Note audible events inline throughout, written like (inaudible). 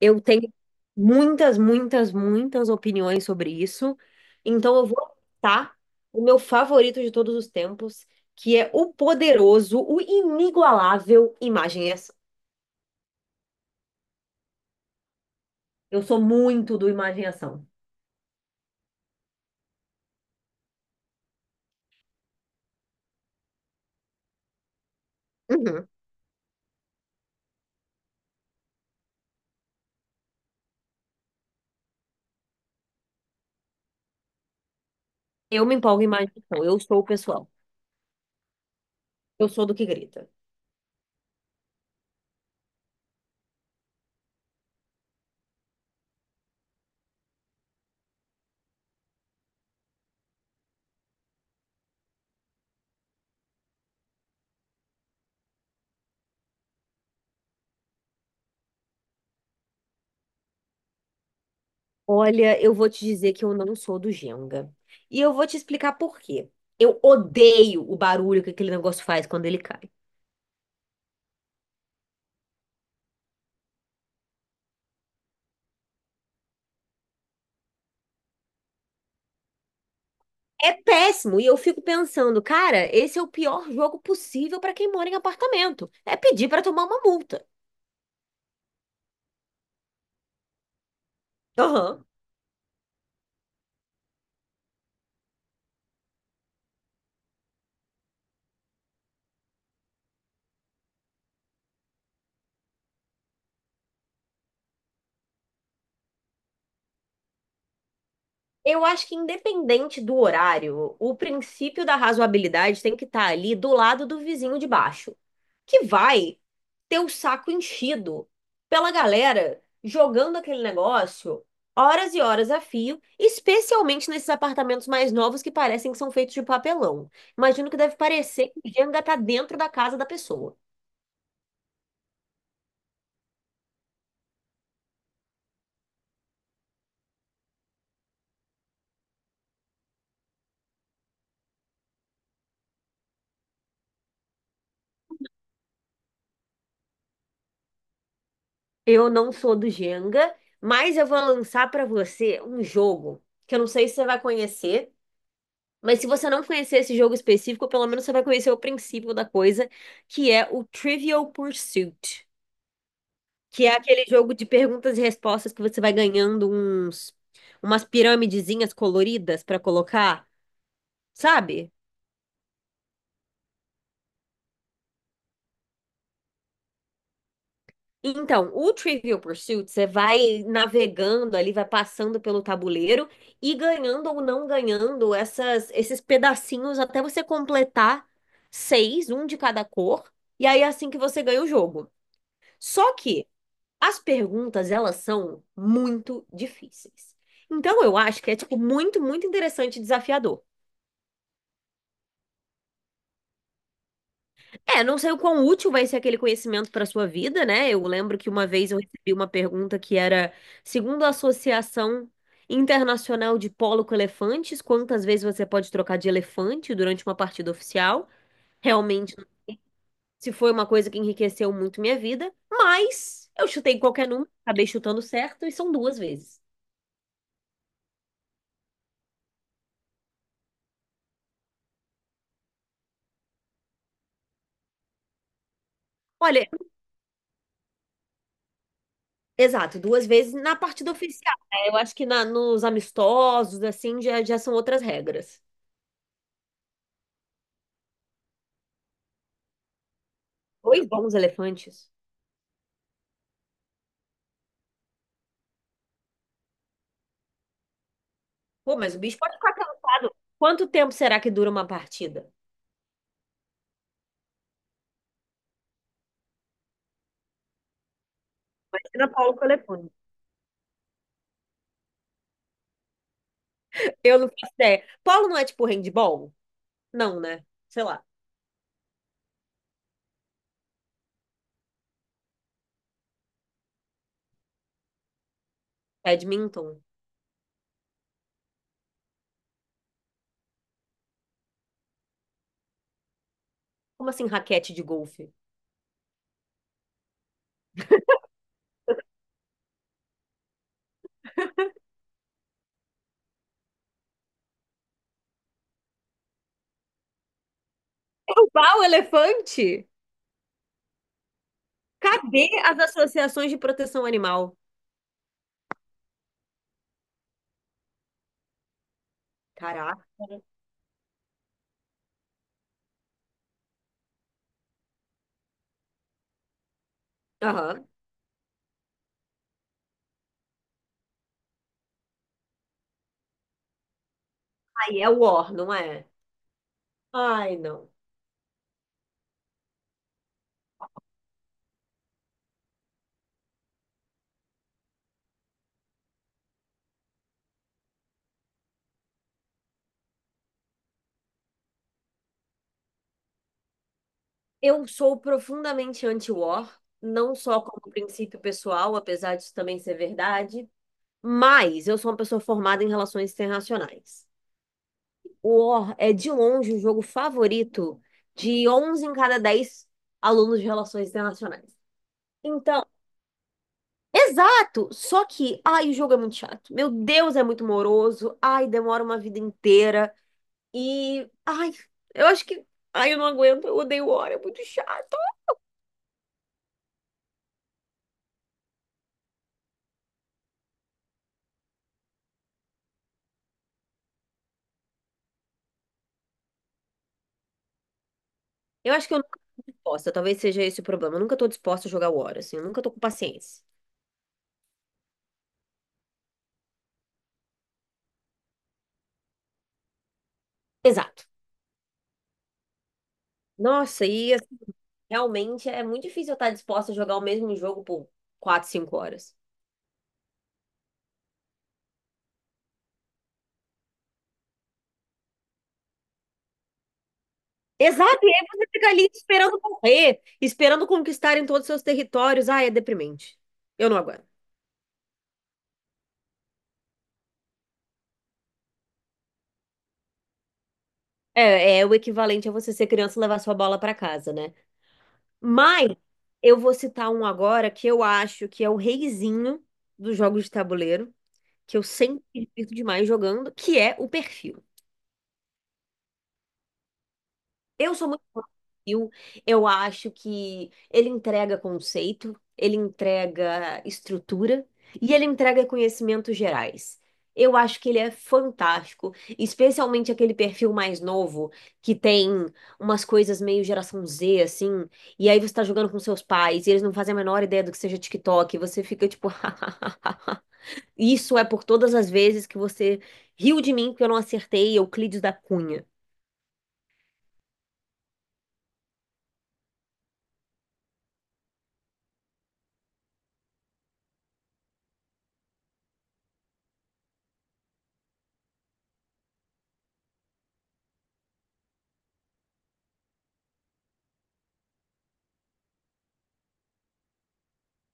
Eu tenho muitas, muitas, muitas opiniões sobre isso. Então eu vou citar o meu favorito de todos os tempos, que é o poderoso, o inigualável Imagem e Ação. Eu sou muito do Imagem e Ação. Uhum. Eu me empolgo em Imagem e Ação. Eu sou o pessoal. Eu sou do que grita. Olha, eu vou te dizer que eu não sou do Jenga. E eu vou te explicar por quê. Eu odeio o barulho que aquele negócio faz quando ele cai. É péssimo. E eu fico pensando, cara, esse é o pior jogo possível para quem mora em apartamento. É pedir para tomar uma multa. Aham. Eu acho que, independente do horário, o princípio da razoabilidade tem que estar ali do lado do vizinho de baixo, que vai ter o saco enchido pela galera jogando aquele negócio horas e horas a fio, especialmente nesses apartamentos mais novos que parecem que são feitos de papelão. Imagino que deve parecer que o Jenga tá dentro da casa da pessoa. Eu não sou do Jenga, mas eu vou lançar pra você um jogo que eu não sei se você vai conhecer, mas se você não conhecer esse jogo específico, pelo menos você vai conhecer o princípio da coisa, que é o Trivial Pursuit, que é aquele jogo de perguntas e respostas que você vai ganhando uns umas piramidezinhas coloridas pra colocar, sabe? Então, o Trivial Pursuit, você vai navegando ali, vai passando pelo tabuleiro e ganhando ou não ganhando esses pedacinhos até você completar seis, um de cada cor, e aí é assim que você ganha o jogo. Só que as perguntas, elas são muito difíceis. Então, eu acho que é, tipo, muito, muito interessante e desafiador. É, não sei o quão útil vai ser aquele conhecimento para sua vida, né? Eu lembro que uma vez eu recebi uma pergunta que era, segundo a Associação Internacional de Polo com Elefantes, quantas vezes você pode trocar de elefante durante uma partida oficial? Realmente, se foi uma coisa que enriqueceu muito minha vida, mas eu chutei qualquer número, acabei chutando certo e são duas vezes. Olha, exato, duas vezes na partida oficial, né? Eu acho que nos amistosos, assim, já, já são outras regras. Dois bons elefantes. Pô, mas o bicho pode ficar cansado. Quanto tempo será que dura uma partida? Imagina Paulo Colepone. Eu não faço ideia. Polo não é tipo handball? Não, né? Sei lá. Badminton? Como assim raquete de golfe? Derrubar o elefante? Cadê as associações de proteção animal? Caraca. Aham. Aí é war, não é? Ai, não. Eu sou profundamente anti-war, não só como princípio pessoal, apesar disso também ser verdade, mas eu sou uma pessoa formada em relações internacionais. O War é de longe o jogo favorito de 11 em cada 10 alunos de Relações Internacionais. Então, exato! Só que, ai, o jogo é muito chato. Meu Deus, é muito moroso. Ai, demora uma vida inteira. E, ai, eu acho que. Ai, eu não aguento, eu odeio War, é muito chato. Eu acho que eu nunca tô disposta, talvez seja esse o problema. Eu nunca tô disposta a jogar War, assim, eu nunca tô com paciência. Exato. Nossa, e assim, realmente é muito difícil eu estar disposta a jogar o mesmo jogo por 4, 5 horas. Exato, e aí você fica ali esperando morrer, esperando conquistarem todos os seus territórios. Ah, é deprimente. Eu não aguento. É, é o equivalente a você ser criança e levar sua bola pra casa, né? Mas eu vou citar um agora que eu acho que é o reizinho dos jogos de tabuleiro, que eu sempre me divirto demais jogando, que é o perfil. Eu sou muito fã do Brasil. Eu acho que ele entrega conceito, ele entrega estrutura e ele entrega conhecimentos gerais. Eu acho que ele é fantástico, especialmente aquele perfil mais novo que tem umas coisas meio geração Z, assim, e aí você tá jogando com seus pais e eles não fazem a menor ideia do que seja TikTok, e você fica tipo, (laughs) isso é por todas as vezes que você riu de mim porque eu não acertei Euclides da Cunha.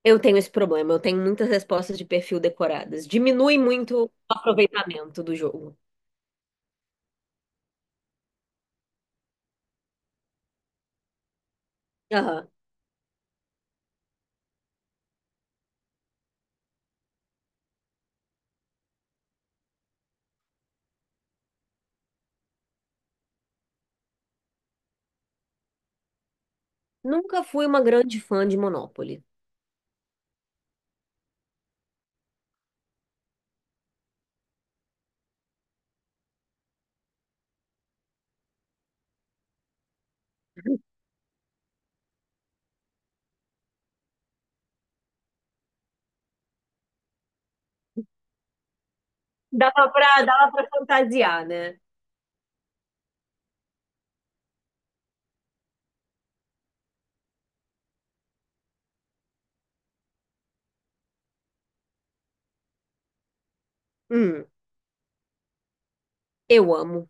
Eu tenho esse problema, eu tenho muitas respostas de perfil decoradas. Diminui muito o aproveitamento do jogo. Aham. Nunca fui uma grande fã de Monopoly. Dava pra fantasiar, né? Hum, eu amo.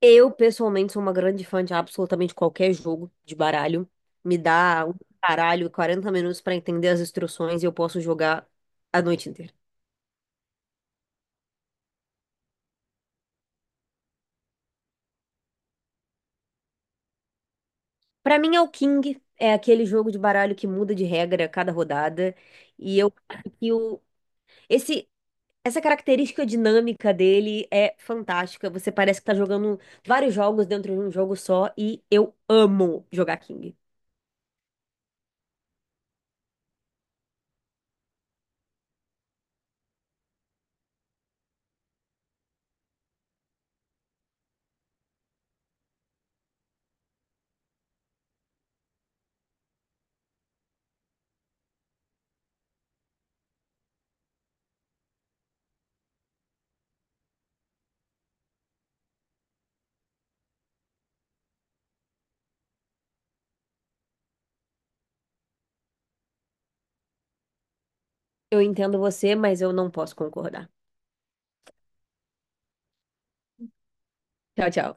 Eu, pessoalmente, sou uma grande fã de absolutamente qualquer jogo de baralho. Me dá um baralho e 40 minutos pra entender as instruções e eu posso jogar a noite inteira. Pra mim, é o King. É aquele jogo de baralho que muda de regra a cada rodada. E eu acho que o, esse Essa característica dinâmica dele é fantástica. Você parece que tá jogando vários jogos dentro de um jogo só e eu amo jogar King. Eu entendo você, mas eu não posso concordar. Tchau, tchau.